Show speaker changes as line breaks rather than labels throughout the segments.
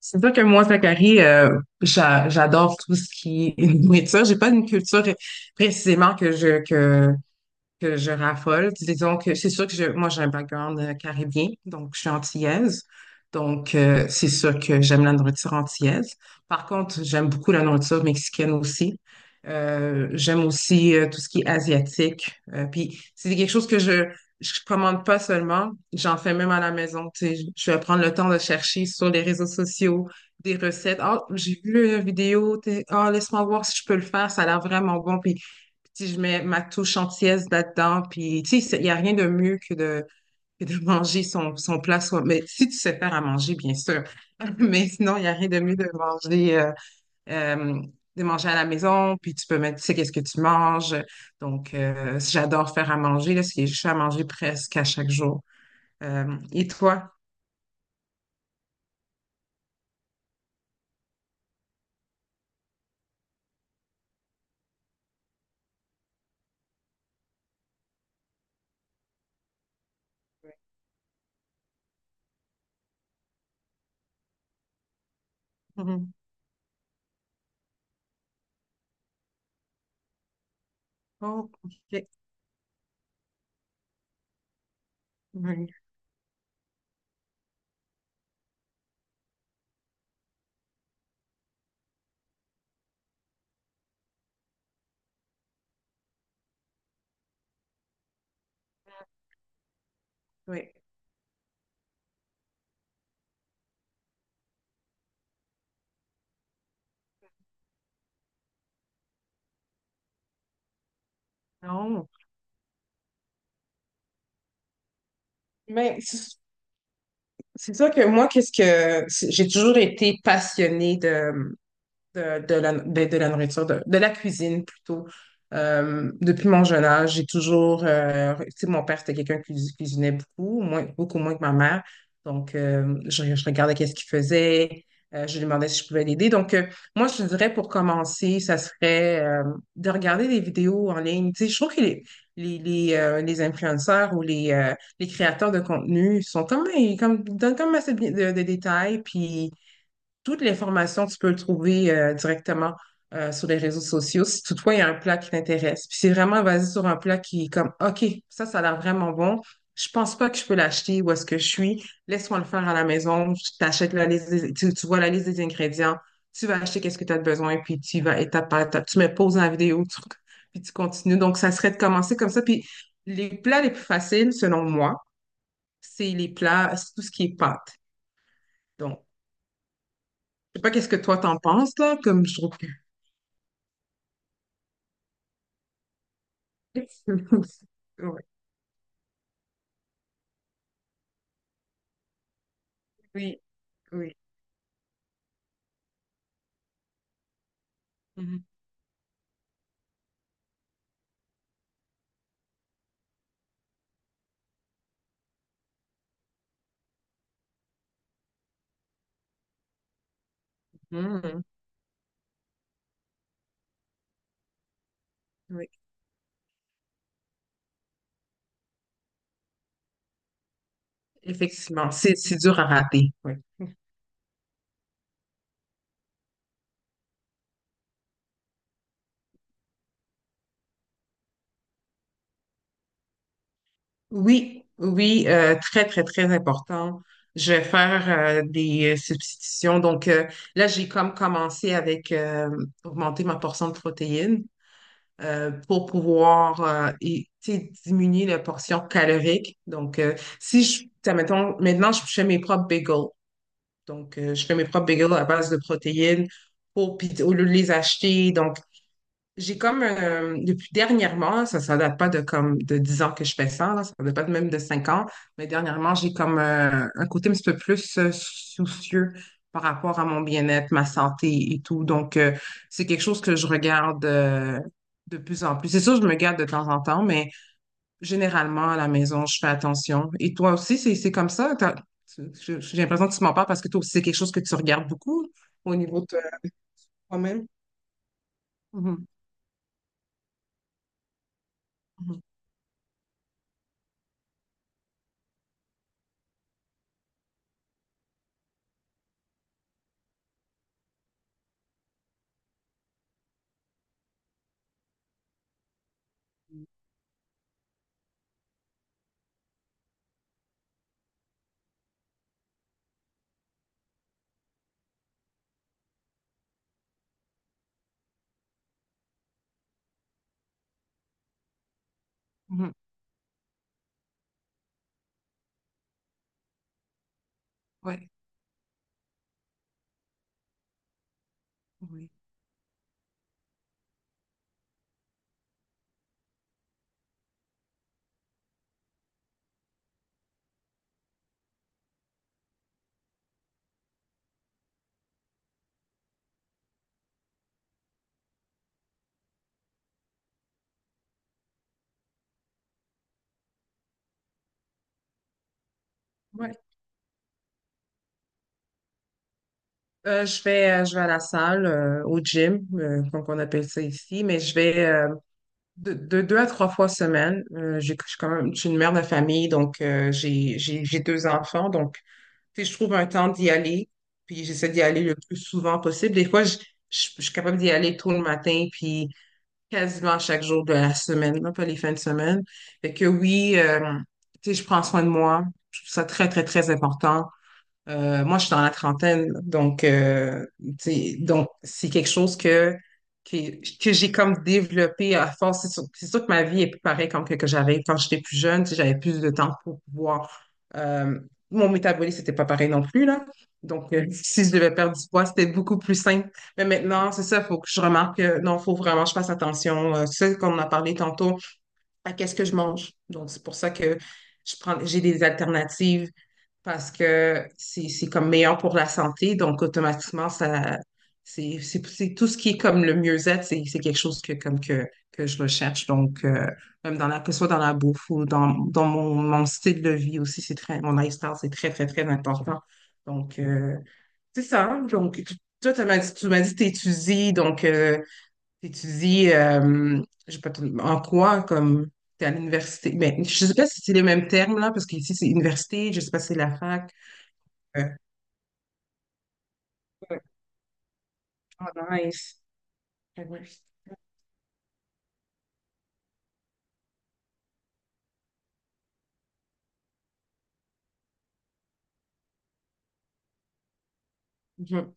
C'est sûr que moi, Zachary, j'adore tout ce qui est nourriture. J'ai pas une culture précisément que je raffole. Disons que c'est sûr que moi, j'ai un background caribien, donc je suis antillaise. Donc, c'est sûr que j'aime la nourriture antillaise. Par contre, j'aime beaucoup la nourriture mexicaine aussi. J'aime aussi tout ce qui est asiatique. Puis, c'est quelque chose que je commande pas seulement, j'en fais même à la maison. Tu sais, je vais prendre le temps de chercher sur les réseaux sociaux des recettes. Ah, j'ai vu une vidéo. Ah, laisse-moi voir si je peux le faire. Ça a l'air vraiment bon. Puis, si je mets ma touche entière là-dedans, puis tu sais, il n'y a rien de mieux que de manger son plat soi. Mais si tu sais faire à manger, bien sûr. Mais sinon, il n'y a rien de mieux euh, de manger à la maison, puis tu peux mettre, tu sais, qu'est-ce que tu manges. Donc, j'adore faire à manger, là, c'est- je fais à manger presque à chaque jour. Et toi? Mhm. Oh, ok. Oui, oui. Non. Mais c'est ça que moi, j'ai toujours été passionnée de la nourriture, de la cuisine plutôt. Depuis mon jeune âge, j'ai toujours. Tu sais, mon père, c'était quelqu'un qui cuisinait beaucoup, beaucoup moins que ma mère. Donc, je regardais qu'est-ce qu'il faisait. Je lui demandais si je pouvais l'aider. Donc, moi, je te dirais pour commencer, ça serait de regarder des vidéos en ligne. Tu sais, je trouve que les influenceurs ou les créateurs de contenu sont comme, comme, donnent comme assez de, de détails. Puis, toute l'information, tu peux le trouver directement sur les réseaux sociaux si toutefois il y a un plat qui t'intéresse. Puis c'est vraiment basé sur un plat qui est comme OK, ça a l'air vraiment bon. Je pense pas que je peux l'acheter où est-ce que je suis. Laisse-moi le faire à la maison. Je t'achète la liste, tu vois la liste des ingrédients. Tu vas acheter qu'est-ce que tu as besoin, puis tu y vas étape par étape. Tu me poses la vidéo, puis tu continues. Donc, ça serait de commencer comme ça. Puis les plats les plus faciles, selon moi, c'est les plats, c'est tout ce qui est pâte. Donc, je sais pas qu'est-ce que toi t'en penses, là, comme je trouve. Oui, oui, oui. Mhm. Mhm. Oui, effectivement, c'est dur à rater. Oui. Oui, oui, très, très, très important. Je vais faire des substitutions. Donc là, j'ai comme commencé avec augmenter ma portion de protéines. Pour pouvoir et, tu sais, diminuer la portion calorique. Donc, si je, tu sais, mettons, maintenant, je fais mes propres bagels. Donc, je fais mes propres bagels à base de protéines pour, puis au lieu de les acheter. Donc, j'ai comme, depuis dernièrement, ça date pas de comme de 10 ans que je fais ça, là, ça date pas même de 5 ans, mais dernièrement, j'ai comme un côté un petit peu plus soucieux par rapport à mon bien-être, ma santé et tout. Donc, c'est quelque chose que je regarde de plus en plus. C'est sûr, je me garde de temps en temps, mais généralement, à la maison, je fais attention. Et toi aussi, c'est comme ça? J'ai l'impression que tu m'en parles parce que toi aussi, c'est quelque chose que tu regardes beaucoup au niveau de toi-même. Mhm, mhm, mhm. Ouais, oui. Ouais. Je vais, je vais à la salle, au gym, comme on appelle ça ici, mais je vais de deux à trois fois semaine. J'ai, je suis quand même, je suis une mère de famille, donc j'ai deux enfants, donc tu sais, je trouve un temps d'y aller, puis j'essaie d'y aller le plus souvent possible. Des fois, je suis capable d'y aller tôt le matin, puis quasiment chaque jour de la semaine, là, pas les fins de semaine. Fait que oui, tu sais, je prends soin de moi. Je trouve ça très, très, très important. Moi, je suis dans la trentaine, donc, tu sais, donc c'est quelque chose que, que j'ai comme développé à force. C'est sûr que ma vie est plus pareille comme que j'avais quand j'étais plus jeune, tu sais, j'avais plus de temps pour pouvoir. euh, mon métabolisme n'était pas pareil non plus, là. Donc, si je devais perdre du poids, c'était beaucoup plus simple. Mais maintenant, c'est ça, il faut que je remarque que non, il faut vraiment que je fasse attention. C'est ce qu'on en a parlé tantôt, à qu'est-ce que je mange. Donc, c'est pour ça que j'ai des alternatives parce que c'est comme meilleur pour la santé, donc automatiquement, ça c'est tout ce qui est comme le mieux-être, c'est quelque chose que comme que je recherche. Donc, même que ce soit dans la bouffe ou dans mon style de vie aussi, mon lifestyle, c'est très, très, très important. Donc, c'est ça, hein. Donc, toi, tu m'as dit que t'étudies, donc t'étudies, je sais pas trop, en quoi, comme t'es à l'université, mais je sais pas si c'est les mêmes termes là, parce qu'ici c'est université, je sais pas si c'est la fac. Mhm. Oh, nice. Mhm. Mhm.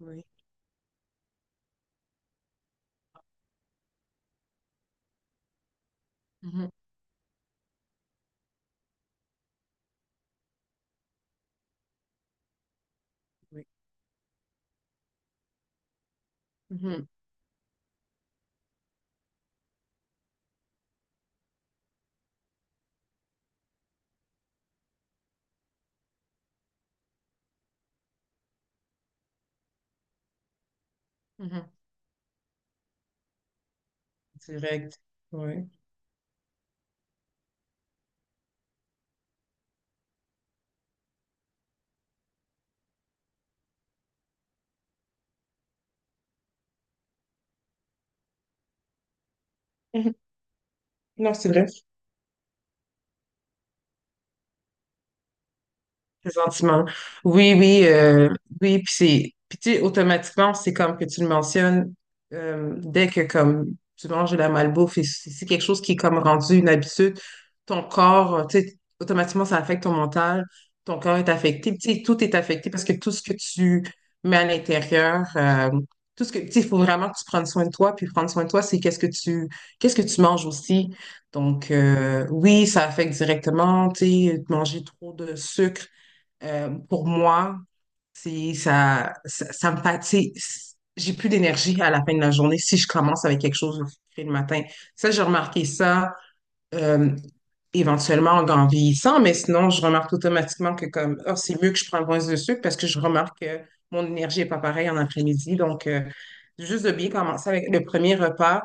Oui, Mhm. Oui, Mhm. Mhm. Direct. Ouais. Non, c'est vrai. Présentement. Oui, oui, oui, puis puis tu sais, automatiquement, c'est comme que tu le mentionnes, dès que comme tu manges de la malbouffe et c'est quelque chose qui est comme rendu une habitude, ton corps, tu sais, automatiquement, ça affecte ton mental, ton corps est affecté, puis tu sais, tout est affecté parce que tout ce que tu mets à l'intérieur, tu sais, il faut vraiment que tu prennes soin de toi, puis prendre soin de toi, c'est qu'est-ce que tu manges aussi. Donc, oui, ça affecte directement, tu sais, manger trop de sucre pour moi, ça me fatigue. J'ai plus d'énergie à la fin de la journée si je commence avec quelque chose le matin. Ça, j'ai remarqué ça euh, éventuellement en vieillissant, mais sinon, je remarque automatiquement que comme, oh, c'est mieux que je prenne moins de sucre parce que je remarque que mon énergie est pas pareille en après-midi. Donc, juste de bien commencer avec le premier repas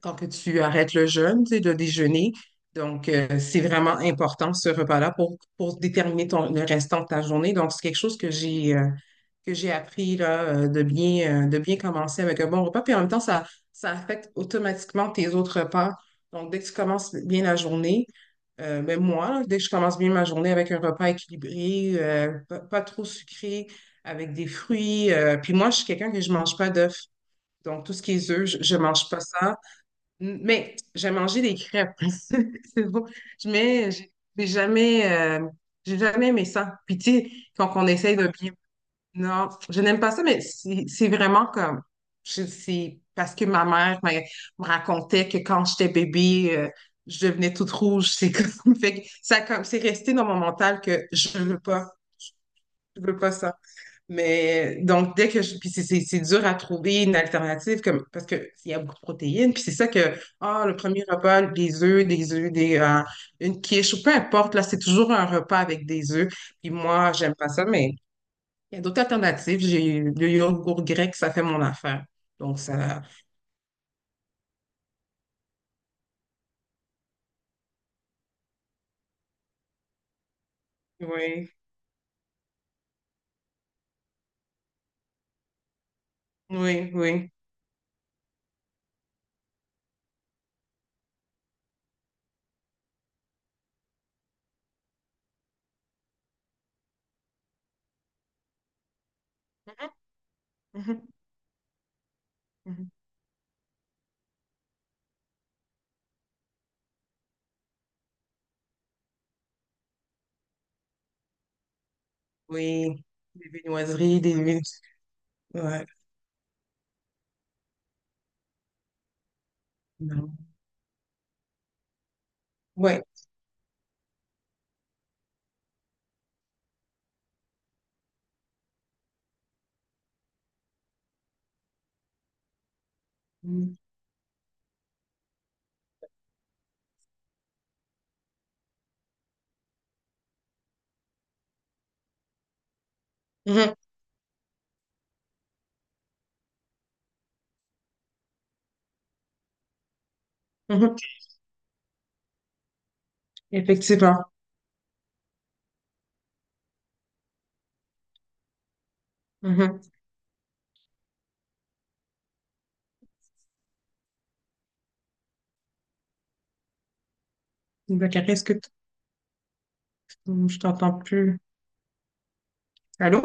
tant que tu arrêtes le jeûne, tu sais, de déjeuner. Donc, c'est vraiment important ce repas-là pour déterminer ton, le restant de ta journée. Donc, c'est quelque chose que j'ai appris là, de bien commencer avec un bon repas. Puis en même temps, ça affecte automatiquement tes autres repas. Donc, dès que tu commences bien la journée, ben moi, là, dès que je commence bien ma journée avec un repas équilibré, pas trop sucré, avec des fruits. Puis moi, je suis quelqu'un que je mange pas d'œufs. Donc, tout ce qui est œufs, je mange pas ça. Mais j'ai mangé des crêpes. C'est bon. Je mets, j'ai jamais, euh, j'ai jamais aimé ça. Puis tu sais, quand on essaye de bien. Non, je n'aime pas ça, mais c'est vraiment comme. C'est parce que ma mère me racontait que quand j'étais bébé, je devenais toute rouge. C'est comme. Fait que ça, comme, c'est resté dans mon mental que je veux pas. Je veux pas ça. Mais donc, dès que je. Puis c'est dur à trouver une alternative comme, parce qu'il y a beaucoup de protéines. Puis c'est ça que, ah, le premier repas, des œufs, une quiche, ou peu importe, là, c'est toujours un repas avec des œufs. Puis moi, j'aime pas ça, mais il y a d'autres alternatives. J'ai le yogourt grec, ça fait mon affaire. Donc, ça. Oui, oui, oui. Mhm, mhm, mhm. Oui, des viennoiseries, des. Ouais. Non. Ouais. Mhm, mhm, mhm. Effectivement. Mhm. Bah, Carré, est-ce que je t'entends plus? Allô?